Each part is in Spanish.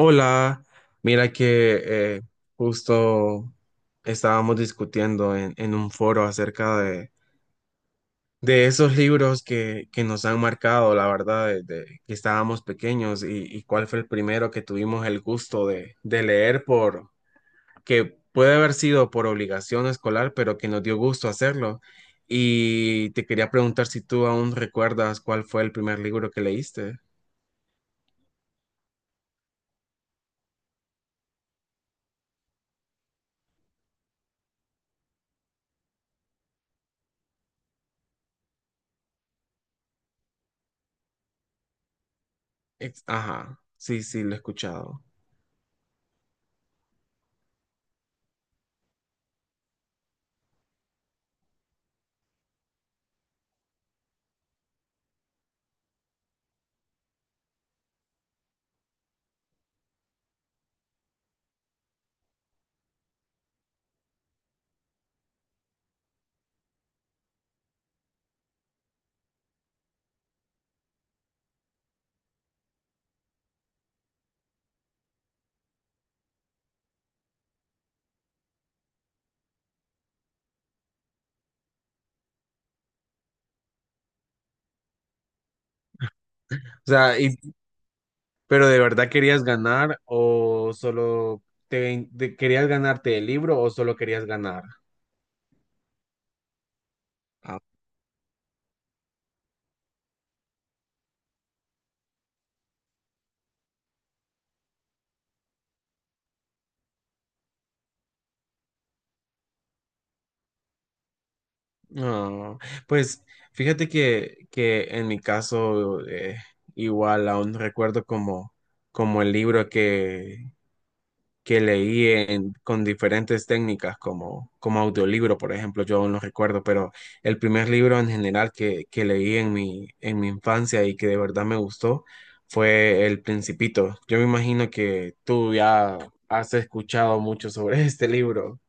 Hola, mira que justo estábamos discutiendo en un foro acerca de esos libros que nos han marcado, la verdad, desde que estábamos pequeños y cuál fue el primero que tuvimos el gusto de leer por, que puede haber sido por obligación escolar, pero que nos dio gusto hacerlo. Y te quería preguntar si tú aún recuerdas cuál fue el primer libro que leíste. Ajá, sí, sí, lo he escuchado. O sea, y ¿pero de verdad querías ganar o solo querías ganarte el libro o solo querías ganar? Ah, no. Pues fíjate que en mi caso igual aún recuerdo como, como el libro que leí con diferentes técnicas, como, como audiolibro, por ejemplo, yo aún no recuerdo, pero el primer libro en general que leí en en mi infancia y que de verdad me gustó fue El Principito. Yo me imagino que tú ya has escuchado mucho sobre este libro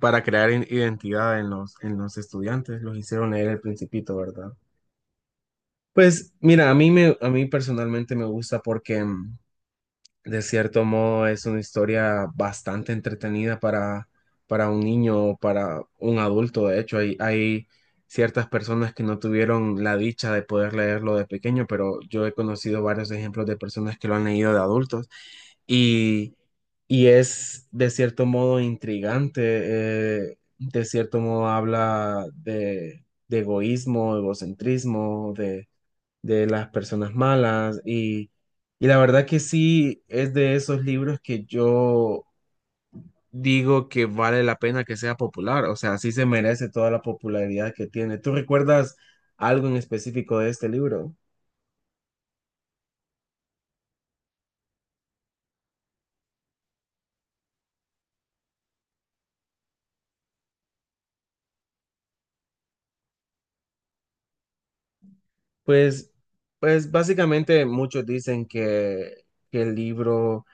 para crear identidad en en los estudiantes, los hicieron leer El Principito, ¿verdad? Pues mira, a mí personalmente me gusta porque, de cierto modo, es una historia bastante entretenida para un niño o para un adulto. De hecho, hay ciertas personas que no tuvieron la dicha de poder leerlo de pequeño, pero yo he conocido varios ejemplos de personas que lo han leído de adultos. Y, y es de cierto modo intrigante, de cierto modo habla de egoísmo, egocentrismo, de las personas malas y la verdad que sí es de esos libros que yo digo que vale la pena que sea popular, o sea, sí se merece toda la popularidad que tiene. ¿Tú recuerdas algo en específico de este libro? Pues, pues básicamente muchos dicen que el libro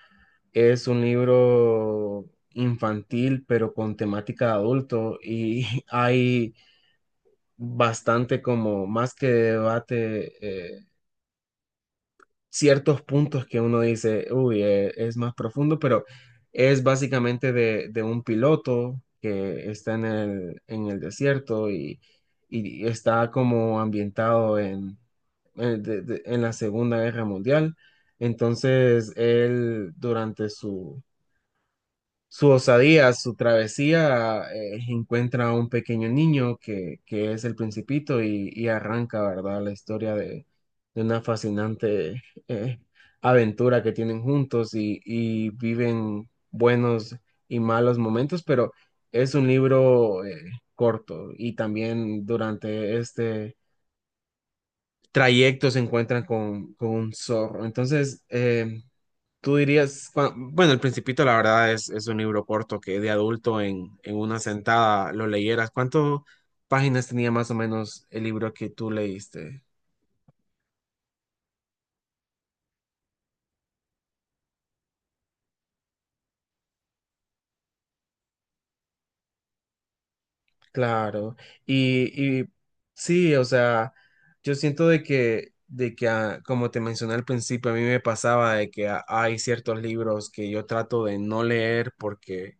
es un libro infantil, pero con temática de adulto y hay bastante como más que debate. Eh, ciertos puntos que uno dice, uy, es más profundo, pero es básicamente de un piloto que está en el desierto y está como ambientado en en la Segunda Guerra Mundial. Entonces, él durante su osadía, su travesía, encuentra a un pequeño niño que es el principito y arranca, ¿verdad? La historia de una fascinante eh, aventura que tienen juntos y viven buenos y malos momentos, pero es un libro corto y también durante este trayecto se encuentran con un zorro. Entonces, tú dirías, bueno, El Principito la verdad es un libro corto que de adulto en una sentada lo leyeras. ¿Cuántas páginas tenía más o menos el libro que tú leíste? Claro, y sí, o sea, yo siento de que como te mencioné al principio, a mí me pasaba de que hay ciertos libros que yo trato de no leer porque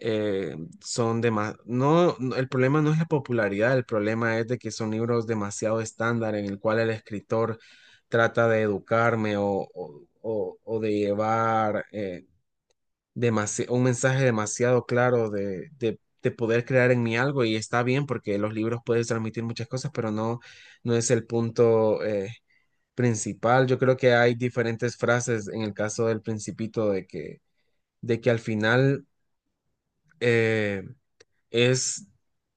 son demasiado, no, no, el problema no es la popularidad, el problema es de que son libros demasiado estándar en el cual el escritor trata de educarme o de llevar, un mensaje demasiado claro de poder crear en mí algo y está bien porque los libros pueden transmitir muchas cosas, pero no, no es el punto principal. Yo creo que hay diferentes frases en el caso del Principito de que al final eh, es,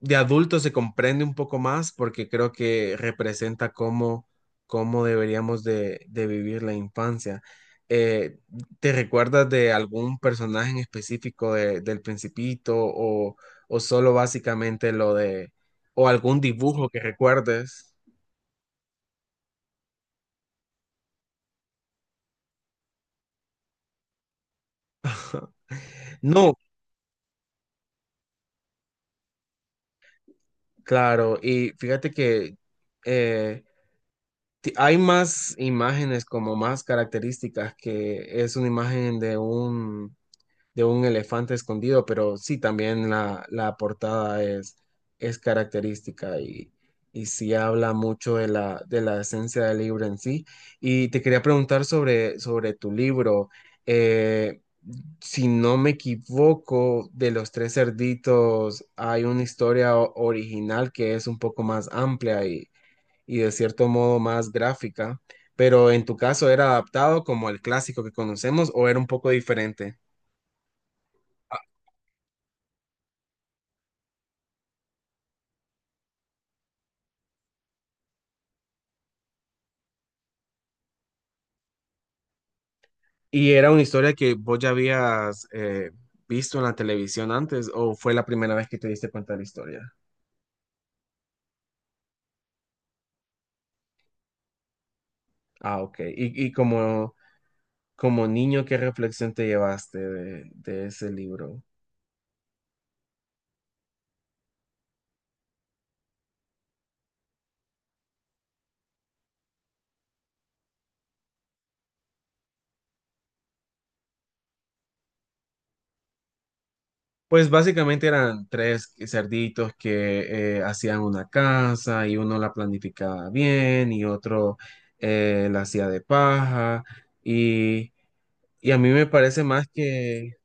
de adulto se comprende un poco más porque creo que representa cómo, cómo deberíamos de vivir la infancia. Eh, ¿Te recuerdas de algún personaje en específico del Principito o solo básicamente lo de, o algún dibujo que recuerdes? No, claro, y fíjate que eh, hay más imágenes como más características, que es una imagen de un, de un elefante escondido, pero sí, también la portada es característica y sí habla mucho de la esencia del libro en sí. Y te quería preguntar sobre, sobre tu libro. Eh, si no me equivoco, de los tres cerditos hay una historia original que es un poco más amplia y de cierto modo más gráfica, pero en tu caso, ¿era adaptado como el clásico que conocemos o era un poco diferente? ¿Y era una historia que vos ya habías visto en la televisión antes o fue la primera vez que te diste cuenta de la historia? Ah, ok. Y como, como niño, qué reflexión te llevaste de ese libro? Pues básicamente eran tres cerditos que hacían una casa y uno la planificaba bien y otro la hacía de paja. Y, y a mí me parece más que,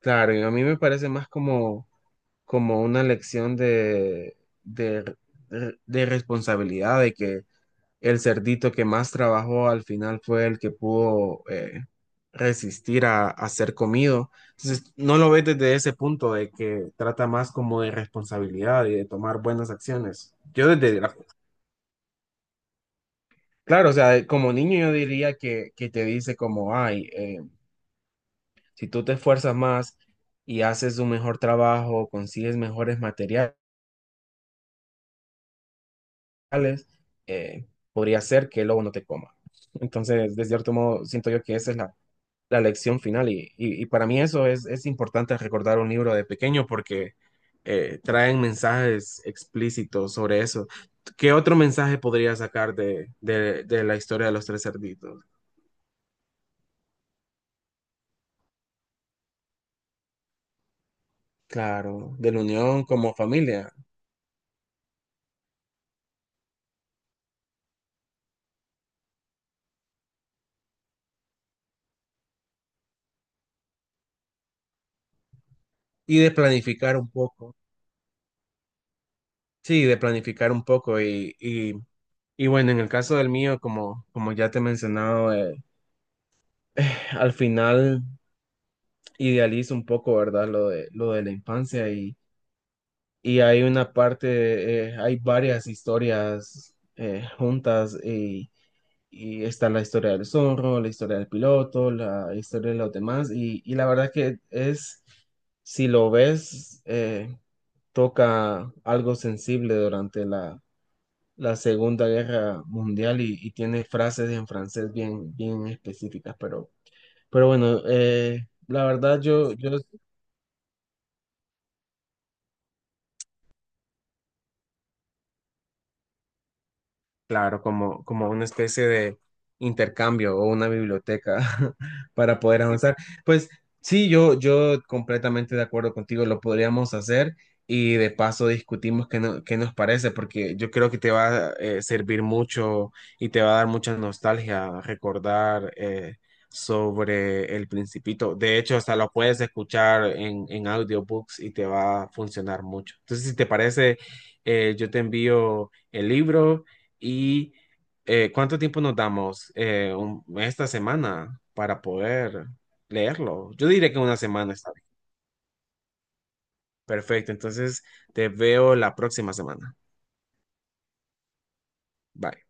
claro, y a mí me parece más como, como una lección de, de responsabilidad, de que el cerdito que más trabajó al final fue el que pudo resistir a ser comido. Entonces, no lo ves desde ese punto de que trata más como de responsabilidad y de tomar buenas acciones. Claro, o sea, como niño yo diría que te dice como, ay, si tú te esfuerzas más y haces un mejor trabajo, consigues mejores materiales, eh, podría ser que el lobo no te coma. Entonces, de cierto modo, siento yo que esa es la, la lección final y para mí eso es importante recordar un libro de pequeño porque traen mensajes explícitos sobre eso. ¿Qué otro mensaje podría sacar de la historia de los tres cerditos? Claro, de la unión como familia y de planificar un poco. Sí, de planificar un poco y bueno, en el caso del mío, como, como ya te he mencionado, al final idealiza un poco, ¿verdad? Lo de la infancia y hay una parte, hay varias historias juntas y está la historia del zorro, la historia del piloto, la historia de los demás y la verdad que es, si lo ves, toca algo sensible durante la, la Segunda Guerra Mundial y tiene frases en francés bien, bien específicas, pero... Pero bueno, la verdad yo, yo, sí. Claro, como, como una especie de intercambio o una biblioteca para poder avanzar. Pues sí, yo completamente de acuerdo contigo, lo podríamos hacer y de paso discutimos qué, qué nos parece, porque yo creo que te va a servir mucho y te va a dar mucha nostalgia recordar sobre El Principito. De hecho, hasta lo puedes escuchar en audiobooks y te va a funcionar mucho. Entonces, si te parece, yo te envío el libro. ¿Y cuánto tiempo nos damos, esta semana para poder leerlo? Yo diré que una semana está bien. Perfecto, entonces te veo la próxima semana. Bye.